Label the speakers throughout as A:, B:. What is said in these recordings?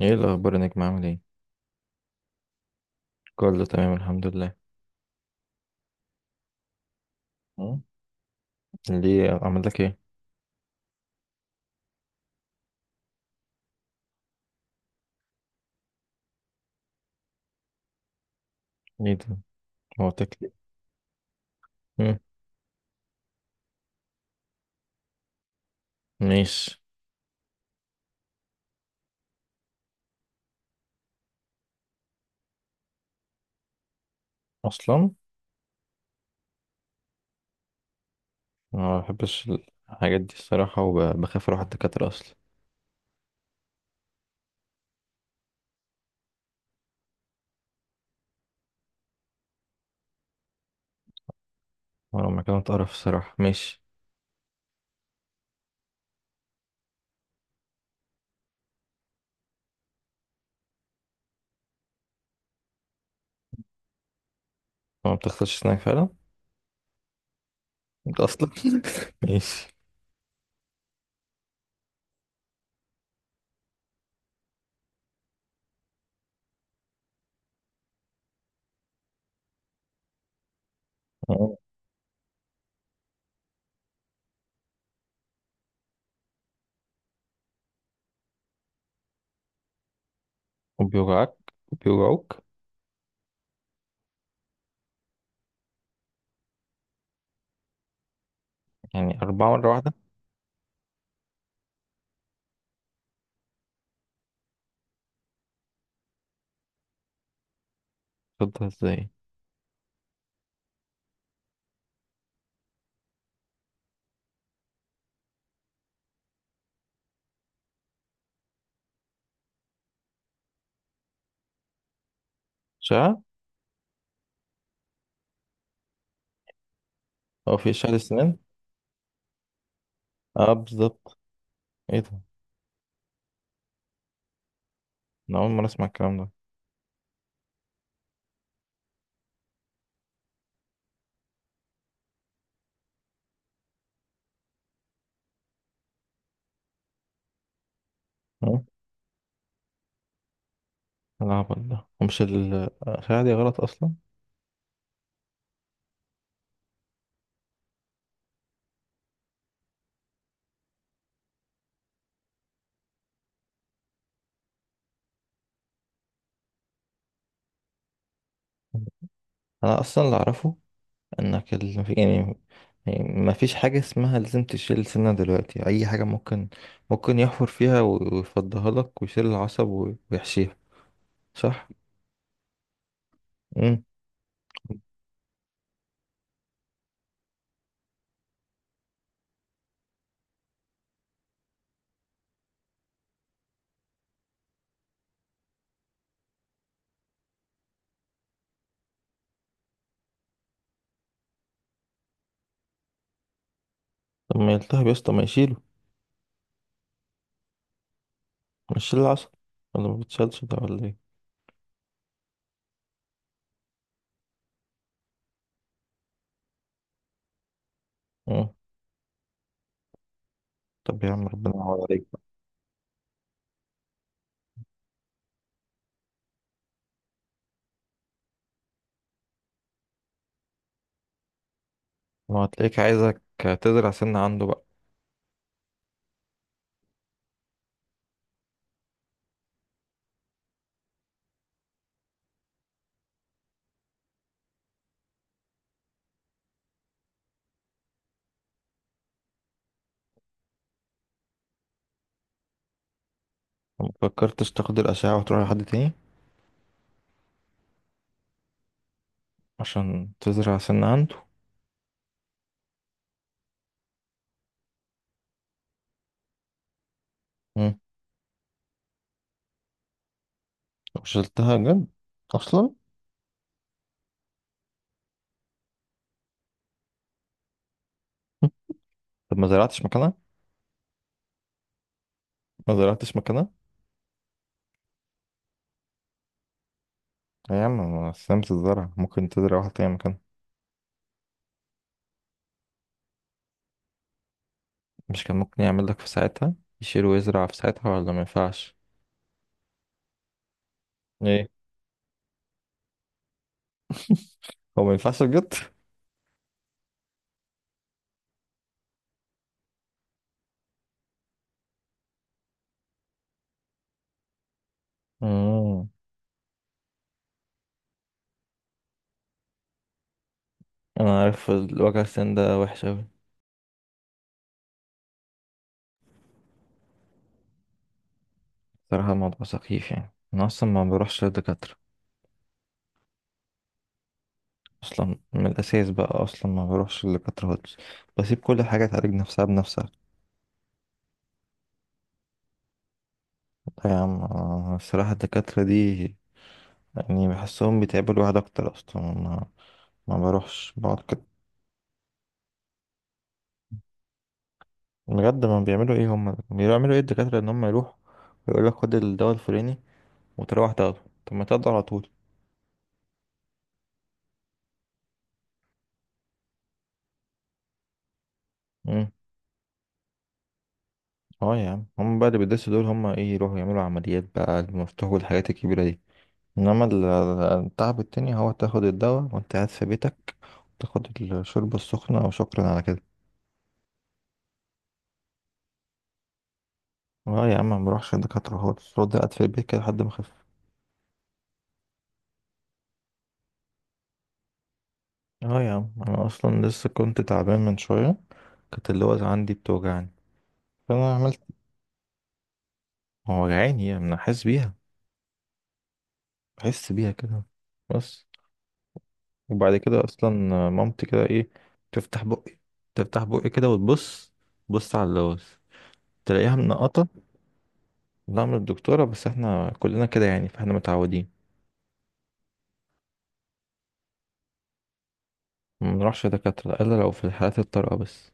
A: ايه الاخبار يا نجم؟ عامل ايه؟ كله تمام الحمد لله. مم. ليه؟ عمل لك ايه؟ ليه ده؟ موتك ليه؟ مم. ماشي. اصلا ما بحبش الحاجات دي الصراحه، وبخاف اروح الدكاتره اصلا. وانا لما كانت قرف الصراحه. ماشي. هو ما بتغسلش اسنانك فعلا؟ انت اصلا. ماشي. آه. وبيوجعك بيوجعوك؟ يعني اربعه مره واحده؟ تفضل ازاي؟ اشعه. هو في اشعه اسنان؟ اه بالظبط. ايه ده؟ انا اول مره اسمع الكلام ده. العبط ده، ومش الخداع دي غلط أصلا. أنا أصلا اللي أعرفه إنك يعني، يعني ما فيش حاجة اسمها لازم تشيل سنة دلوقتي، أي حاجة ممكن، ممكن يحفر فيها ويفضيها لك ويشيل العصب ويحشيها، صح؟ مم. طب ما يلتهب يا اسطى، ما يشيله، ما يشيل العصب، ولا ما بتشالش ده ولا ايه؟ مم. طب يا عم ربنا يعوض عليك بقى. ما هو هتلاقيك عايزك تزرع سنة عنده بقى. ما فكرتش تاخد الأشعة وتروح لحد تاني عشان تزرع سنة عنده؟ شلتها جد؟ اصلا؟ طب ما زرعتش مكانها؟ ما زرعتش مكانها؟ يا عم ما استلمت الزرع، ممكن تزرع واحد تاني مكانها. مش كان ممكن يعمل لك في ساعتها، يشيل ويزرع في ساعتها، ولا ما ينفعش؟ ايه، هو ما ينفعش بجد؟ امم. انا عارف الوجع، السن ده وحش اوي. صراحة الموضوع سخيف، يعني انا اصلا ما بروحش للدكاترة اصلا من الاساس بقى، اصلا ما بروحش للدكاترة خالص، بسيب كل حاجة تعالج نفسها بنفسها. طيب يا عم، الصراحة الدكاترة دي يعني بحسهم بيتعبوا الواحد اكتر، اصلا ما بروحش، بقعد كده. بجد ما بيعملوا ايه، هم بيعملوا ايه الدكاترة؟ ان هم يروح ويقول لك خد الدواء الفلاني، وتروح تاخده، طب ما تاخده على طول. امم. اه يا عم، هم بقى اللي بيدرسوا دول، هم ايه، يروحوا يعملوا عمليات بقى المفتوح والحاجات الكبيرة دي، انما التعب التاني هو تاخد الدواء وانت قاعد في بيتك، تاخد الشوربة السخنة وشكرا على كده. اه يا عم ما بروحش الدكاترة خالص، رد قاعد في البيت كده لحد ما اخف. اه يا عم انا اصلا لسه كنت تعبان من شويه، كانت اللي هو عندي بتوجعني، فانا عملت. هو وجعاني يعني، انا حاسس بيها، بحس بيها كده، بس. وبعد كده اصلا مامتي كده ايه، تفتح بقي، تفتح بقي كده وتبص، بص على اللوز، تلاقيها منقطه. لا، من الدكتوره بس، احنا كلنا كده يعني، فاحنا متعودين. ما بنروحش دكاتره الا لو في الحالات الطارئه بس.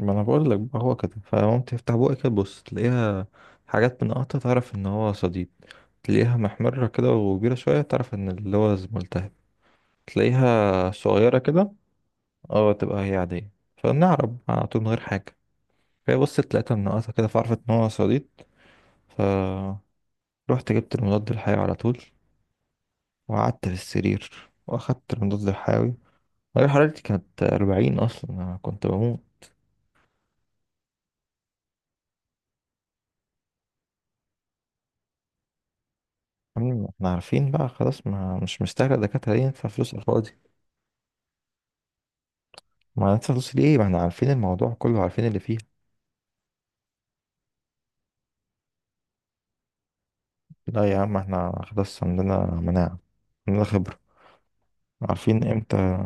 A: ما انا بقول لك بقى هو كده، فمامتي تفتح بقي كده، تبص تلاقيها حاجات منقطه، تعرف ان هو صديد، تلاقيها محمرة كده وكبيرة شوية تعرف ان اللوز ملتهب، تلاقيها صغيرة كده اه تبقى هي عادية. فبنعرب على طول من غير حاجة. فهي بصت لقيتها منقطة كده، فعرفت ان هو صديد، ف رحت جبت المضاد الحيوي على طول، وقعدت في السرير واخدت المضاد الحيوي. درجة حرارتي كانت أربعين أصلا، أنا كنت بموت. احنا عارفين بقى خلاص، ما مش مستاهلة الدكاترة دي ندفع فلوس على الفاضي، ما ندفع فلوس ليه، ما احنا عارفين الموضوع كله، عارفين اللي فيه. لا يا عم احنا خلاص عندنا مناعة، عندنا خبرة، عارفين امتى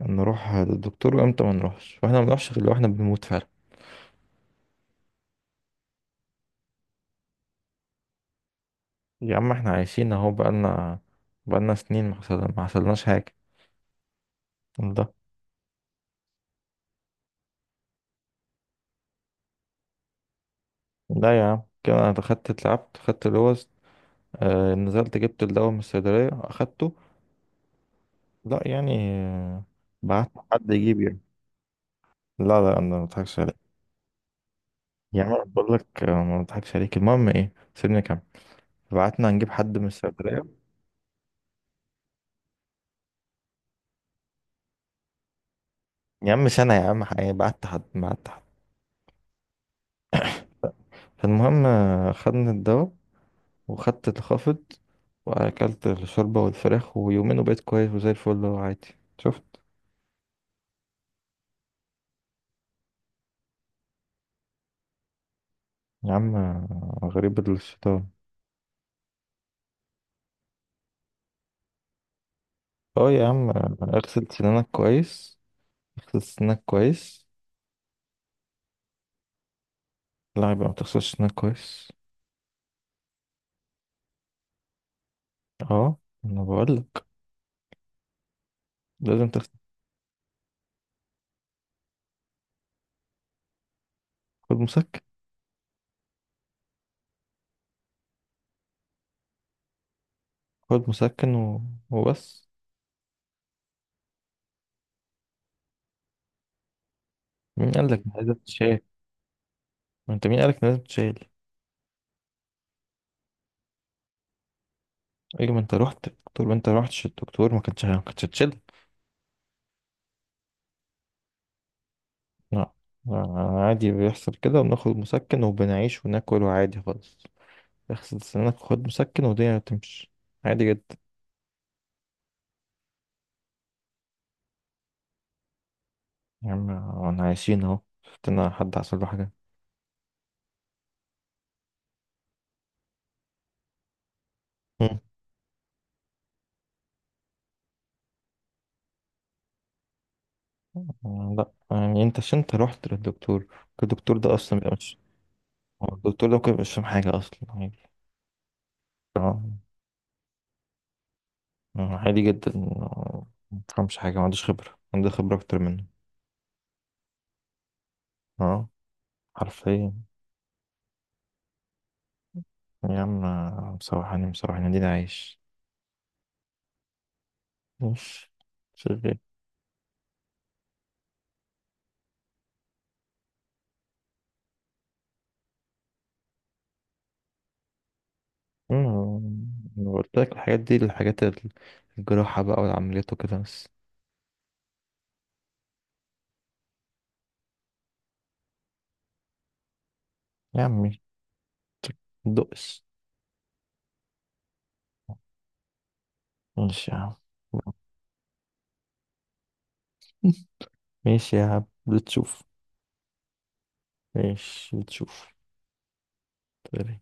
A: نروح للدكتور وامتى ما نروحش، واحنا ما بنروحش غير لو احنا بنموت فعلا. يا عم احنا عايشين اهو، بقالنا سنين ما حصلناش حاجة ده. لا يا عم كده، انا دخلت اتلعبت خدت لوز، آه نزلت جبت الدواء من الصيدلية اخدته. لا يعني بعت حد يجيب يعني. لا لا، انا ما بضحكش عليك. يا عم أنا بقول لك، ما بضحكش عليك، المهم ايه، سيبني كام، بعتنا نجيب حد من الصيدلية. يا عم سنة يا عم، هيبقى قعدت حد، ما قعدت حد. فالمهم خدنا الدواء، وخدت الخافض، وأكلت الشوربة والفراخ، ويومين وبقيت كويس وزي الفل وعادي، شفت؟ يا عم غريب الشيطان. اه يا عم اغسل سنانك كويس، اغسل سنانك كويس. لا يبقى ما تغسلش سنانك كويس. اه، انا بقولك لازم تغسل. خد مسكن، خد مسكن وبس. مين قالك إن لازم تشيل؟ ما انت مين قالك إن لازم تشيل؟ ايه، ما انت رحت الدكتور، ما انت رحتش الدكتور ما كانتش هتشيلك. لا، لا، عادي بيحصل كده، وبناخد مسكن وبنعيش وناكل، وعادي خالص. اغسل سنانك وخد مسكن والدنيا هتمشي، عادي جدا. يا عم انا عايشين اهو، شفتنا حد حصل له حاجة؟ مم. لا يعني، انت عشان انت رحت للدكتور، الدكتور ده اصلا بيبقى مش، هو الدكتور ده ممكن مش فاهم حاجة اصلا، عادي. اه، عادي جدا، ما بيفهمش حاجة، ما عندوش خبرة، عنده خبرة اكتر منه. اه، حرفيا. يا عم، مسوحاني، مسوحاني دي عايش، بص، شغال. أمم، أنا قلت لك الحاجات دي، الحاجات الجراحة بقى والعمليات وكده بس. يا عمي دقس. ماشي يا عم. ماشي يا عم، بتشوف. ماشي، بتشوف. طيب.